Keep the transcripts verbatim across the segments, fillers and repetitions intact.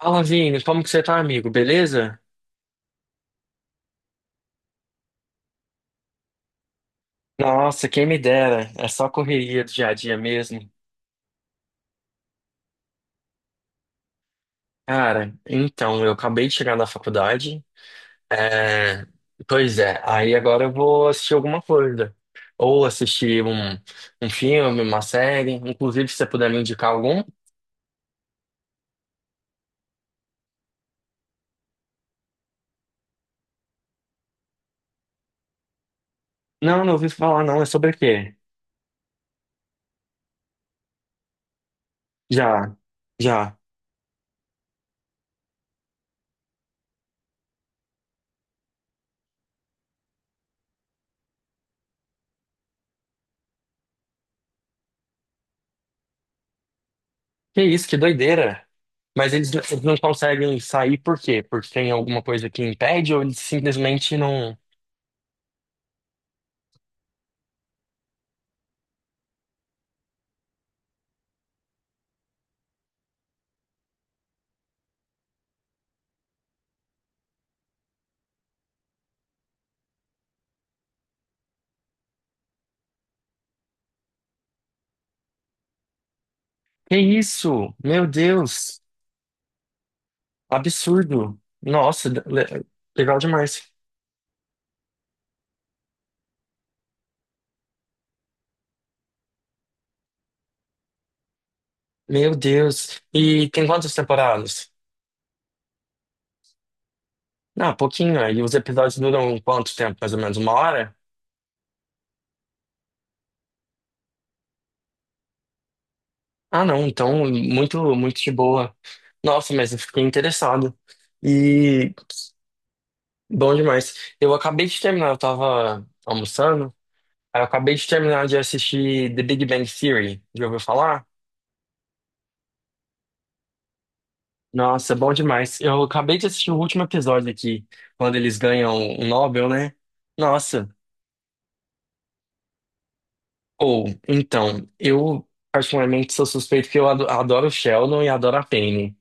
Fala, Vini, como que você tá, amigo? Beleza? Nossa, quem me dera. É só correria do dia a dia mesmo. Cara, então, eu acabei de chegar na faculdade. É. Pois é, aí agora eu vou assistir alguma coisa. Ou assistir um, um filme, uma série. Inclusive, se você puder me indicar algum. Não, não ouvi falar, não. É sobre o quê? Já, já. Que isso, que doideira. Mas eles eles não conseguem sair por quê? Porque tem alguma coisa que impede ou eles simplesmente não. Que isso? Meu Deus, absurdo. Nossa, le- legal demais. Meu Deus. E tem quantas temporadas? Ah, pouquinho. E os episódios duram quanto tempo? Mais ou menos uma hora? Ah, não. Então, muito, muito de boa. Nossa, mas eu fiquei interessado. E bom demais. Eu acabei de terminar, eu tava almoçando. Aí eu acabei de terminar de assistir The Big Bang Theory. Já ouviu falar? Nossa, bom demais. Eu acabei de assistir o último episódio aqui, quando eles ganham o Nobel, né? Nossa. Ou, então, eu particularmente sou suspeito que eu ado- adoro o Sheldon e adoro a Penny.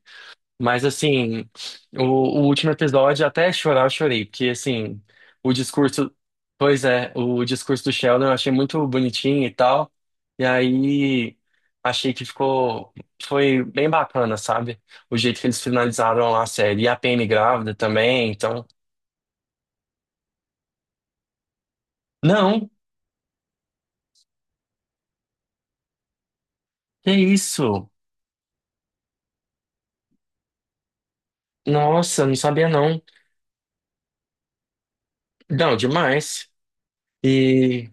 Mas assim, o, o último episódio, até chorar, eu chorei, porque assim, o discurso, pois é, o discurso do Sheldon eu achei muito bonitinho e tal. E aí achei que ficou, foi bem bacana, sabe? O jeito que eles finalizaram lá a série. E a Penny grávida também, então. Não, que isso? Nossa, não sabia não. Não, demais. E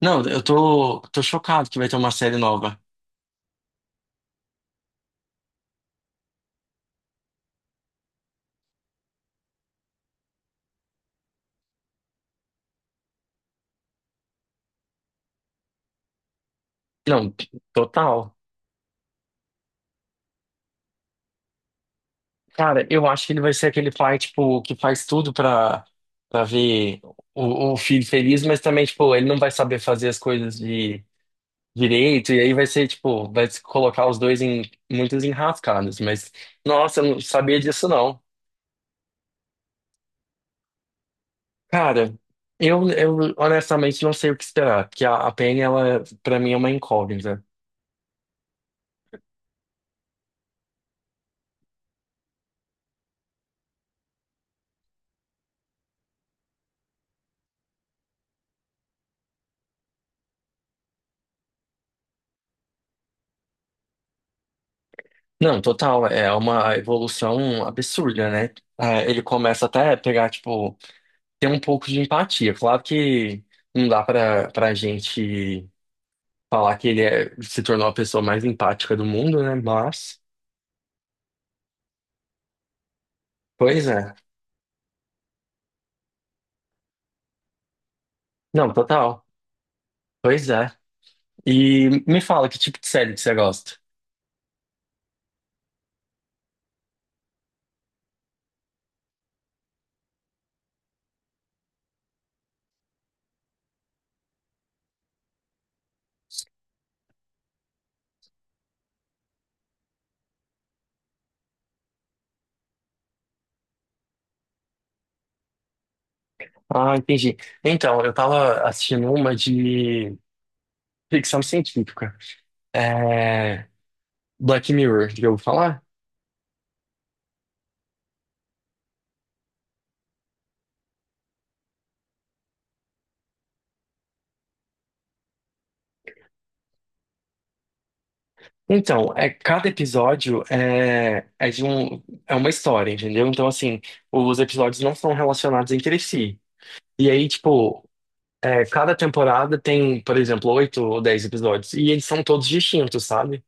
não, eu tô, tô chocado que vai ter uma série nova. Não, total. Cara, eu acho que ele vai ser aquele pai, tipo, que faz tudo pra, pra ver o, o filho feliz, mas também, tipo, ele não vai saber fazer as coisas de direito, e aí vai ser, tipo, vai se colocar os dois em muitas enrascadas, mas, nossa, eu não sabia disso, não. Cara, eu, eu honestamente não sei o que esperar, porque a, a Penny, ela, pra mim, é uma incógnita. Não, total, é uma evolução absurda, né? Ah, ele começa até a pegar, tipo, ter um pouco de empatia. Claro que não dá pra, pra gente falar que ele é- se tornou a pessoa mais empática do mundo, né? Mas, pois é. Não, total, pois é. E me fala que tipo de série que você gosta? Ah, entendi. Então, eu tava assistindo uma de ficção científica. É. Black Mirror, já ouviu falar? Então, é, cada episódio é, é de um, é uma história, entendeu? Então, assim, os episódios não são relacionados entre si. E aí, tipo, é, cada temporada tem, por exemplo, oito ou dez episódios. E eles são todos distintos, sabe?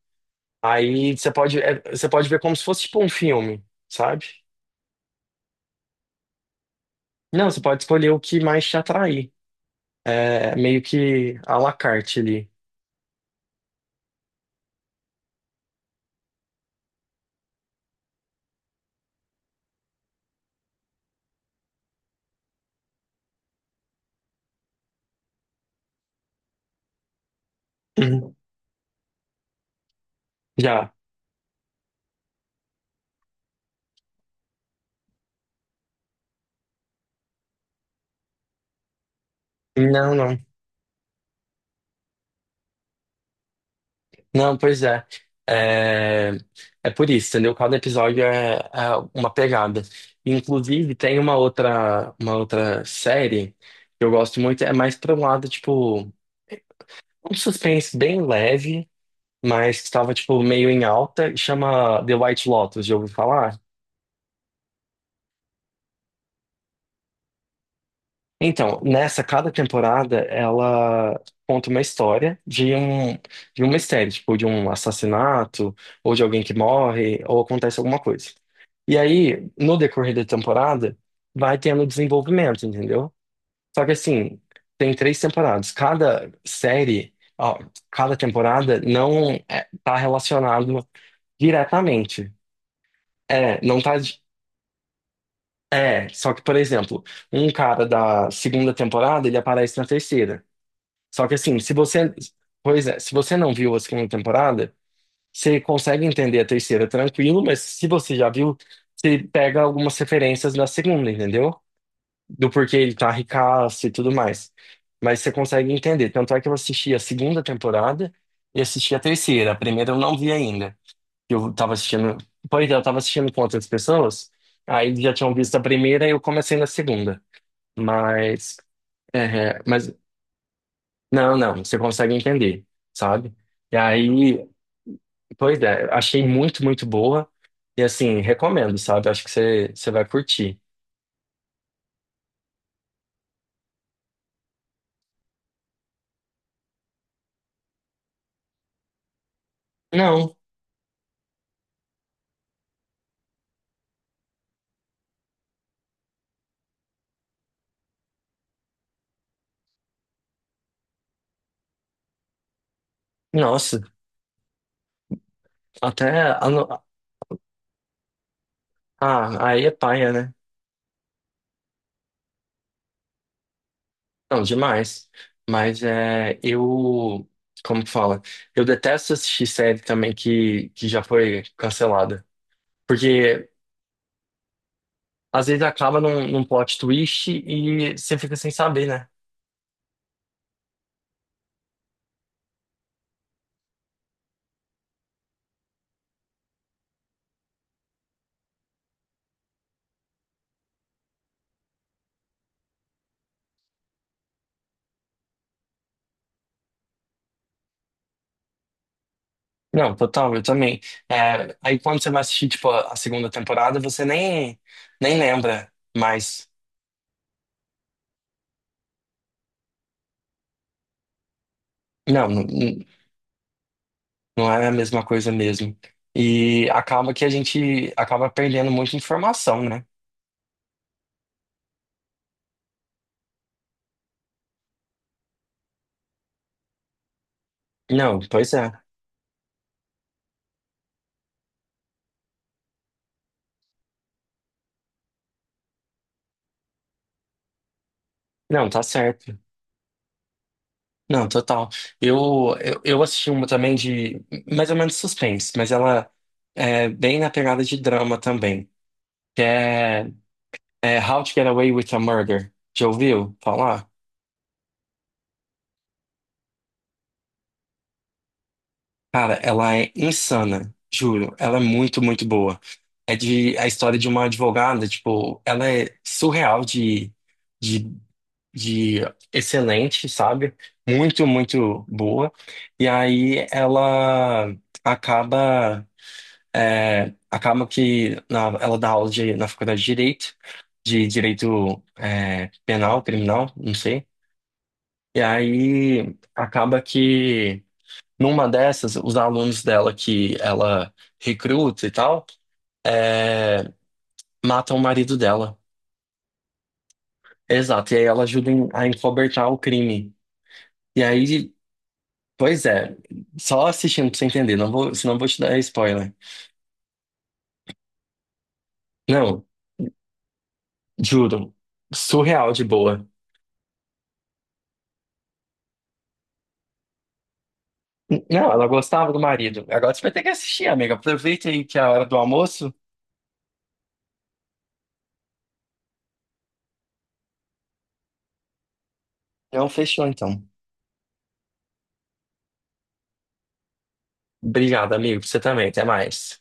Aí você pode, é, você pode ver como se fosse, tipo, um filme, sabe? Não, você pode escolher o que mais te atrair. É meio que à la carte ali. Uhum. Já. Não, não. Não, pois é. É, é por isso, entendeu? Cada episódio é, é uma pegada. Inclusive, tem uma outra, uma outra série que eu gosto muito, é mais para um lado, tipo, um suspense bem leve, mas que estava, tipo, meio em alta, chama The White Lotus, já ouviu falar? Então, nessa, cada temporada, ela conta uma história de um, de um mistério, tipo, de um assassinato, ou de alguém que morre, ou acontece alguma coisa. E aí, no decorrer da temporada, vai tendo desenvolvimento, entendeu? Só que assim, tem três temporadas. Cada série, ó, cada temporada não é, tá relacionado diretamente. É, não tá. de- É, só que, por exemplo, um cara da segunda temporada, ele aparece na terceira. Só que assim, se você, pois é, se você não viu a segunda temporada, você consegue entender a terceira tranquilo, mas se você já viu, você pega algumas referências da segunda, entendeu? Do porquê ele tá ricaço e tudo mais. Mas você consegue entender. Tanto é que eu assisti a segunda temporada e assisti a terceira. A primeira eu não vi ainda. Eu tava assistindo, pois é, eu tava assistindo com outras pessoas, aí eles já tinham visto a primeira e eu comecei na segunda. Mas, é, é, mas não, não, você consegue entender, sabe? E aí, pois é, achei muito, muito boa. E assim, recomendo, sabe? Acho que você, você vai curtir. Não, nossa, até. A, no- ah, aí é paia, né? Não, demais. Mas é, eu. Como que fala? Eu detesto assistir série também que, que já foi cancelada. Porque às vezes acaba num, num plot twist e você fica sem saber, né? Não, total, eu também. É, aí quando você vai assistir, tipo, a a segunda temporada, você nem, nem lembra mais. Não, não, não é a mesma coisa mesmo. E acaba que a gente acaba perdendo muita informação, né? Não, pois é. Não, tá certo. Não, total. Eu, eu, eu assisti uma também de mais ou menos suspense, mas ela é bem na pegada de drama também, que é, é How to Get Away with a Murder. Já ouviu falar? Cara, ela é insana, juro. Ela é muito, muito boa. É de a história de uma advogada, tipo, ela é surreal de, de, de excelente, sabe? Muito, muito boa. E aí ela acaba, é, acaba que na- ela dá aula de, na faculdade de Direito, de Direito, é, Penal, Criminal, não sei. E aí acaba que numa dessas, os alunos dela que ela recruta e tal, é, matam o marido dela. Exato, e aí ela ajuda em- a encobertar o crime. E aí, pois é, só assistindo pra você entender, não vou, senão eu vou te dar spoiler. Não, juro, surreal de boa. N- Não, ela gostava do marido. Agora você vai ter que assistir, amiga. Aproveita aí que é a hora do almoço. Então, fechou então. Obrigado, amigo, você também. Até mais.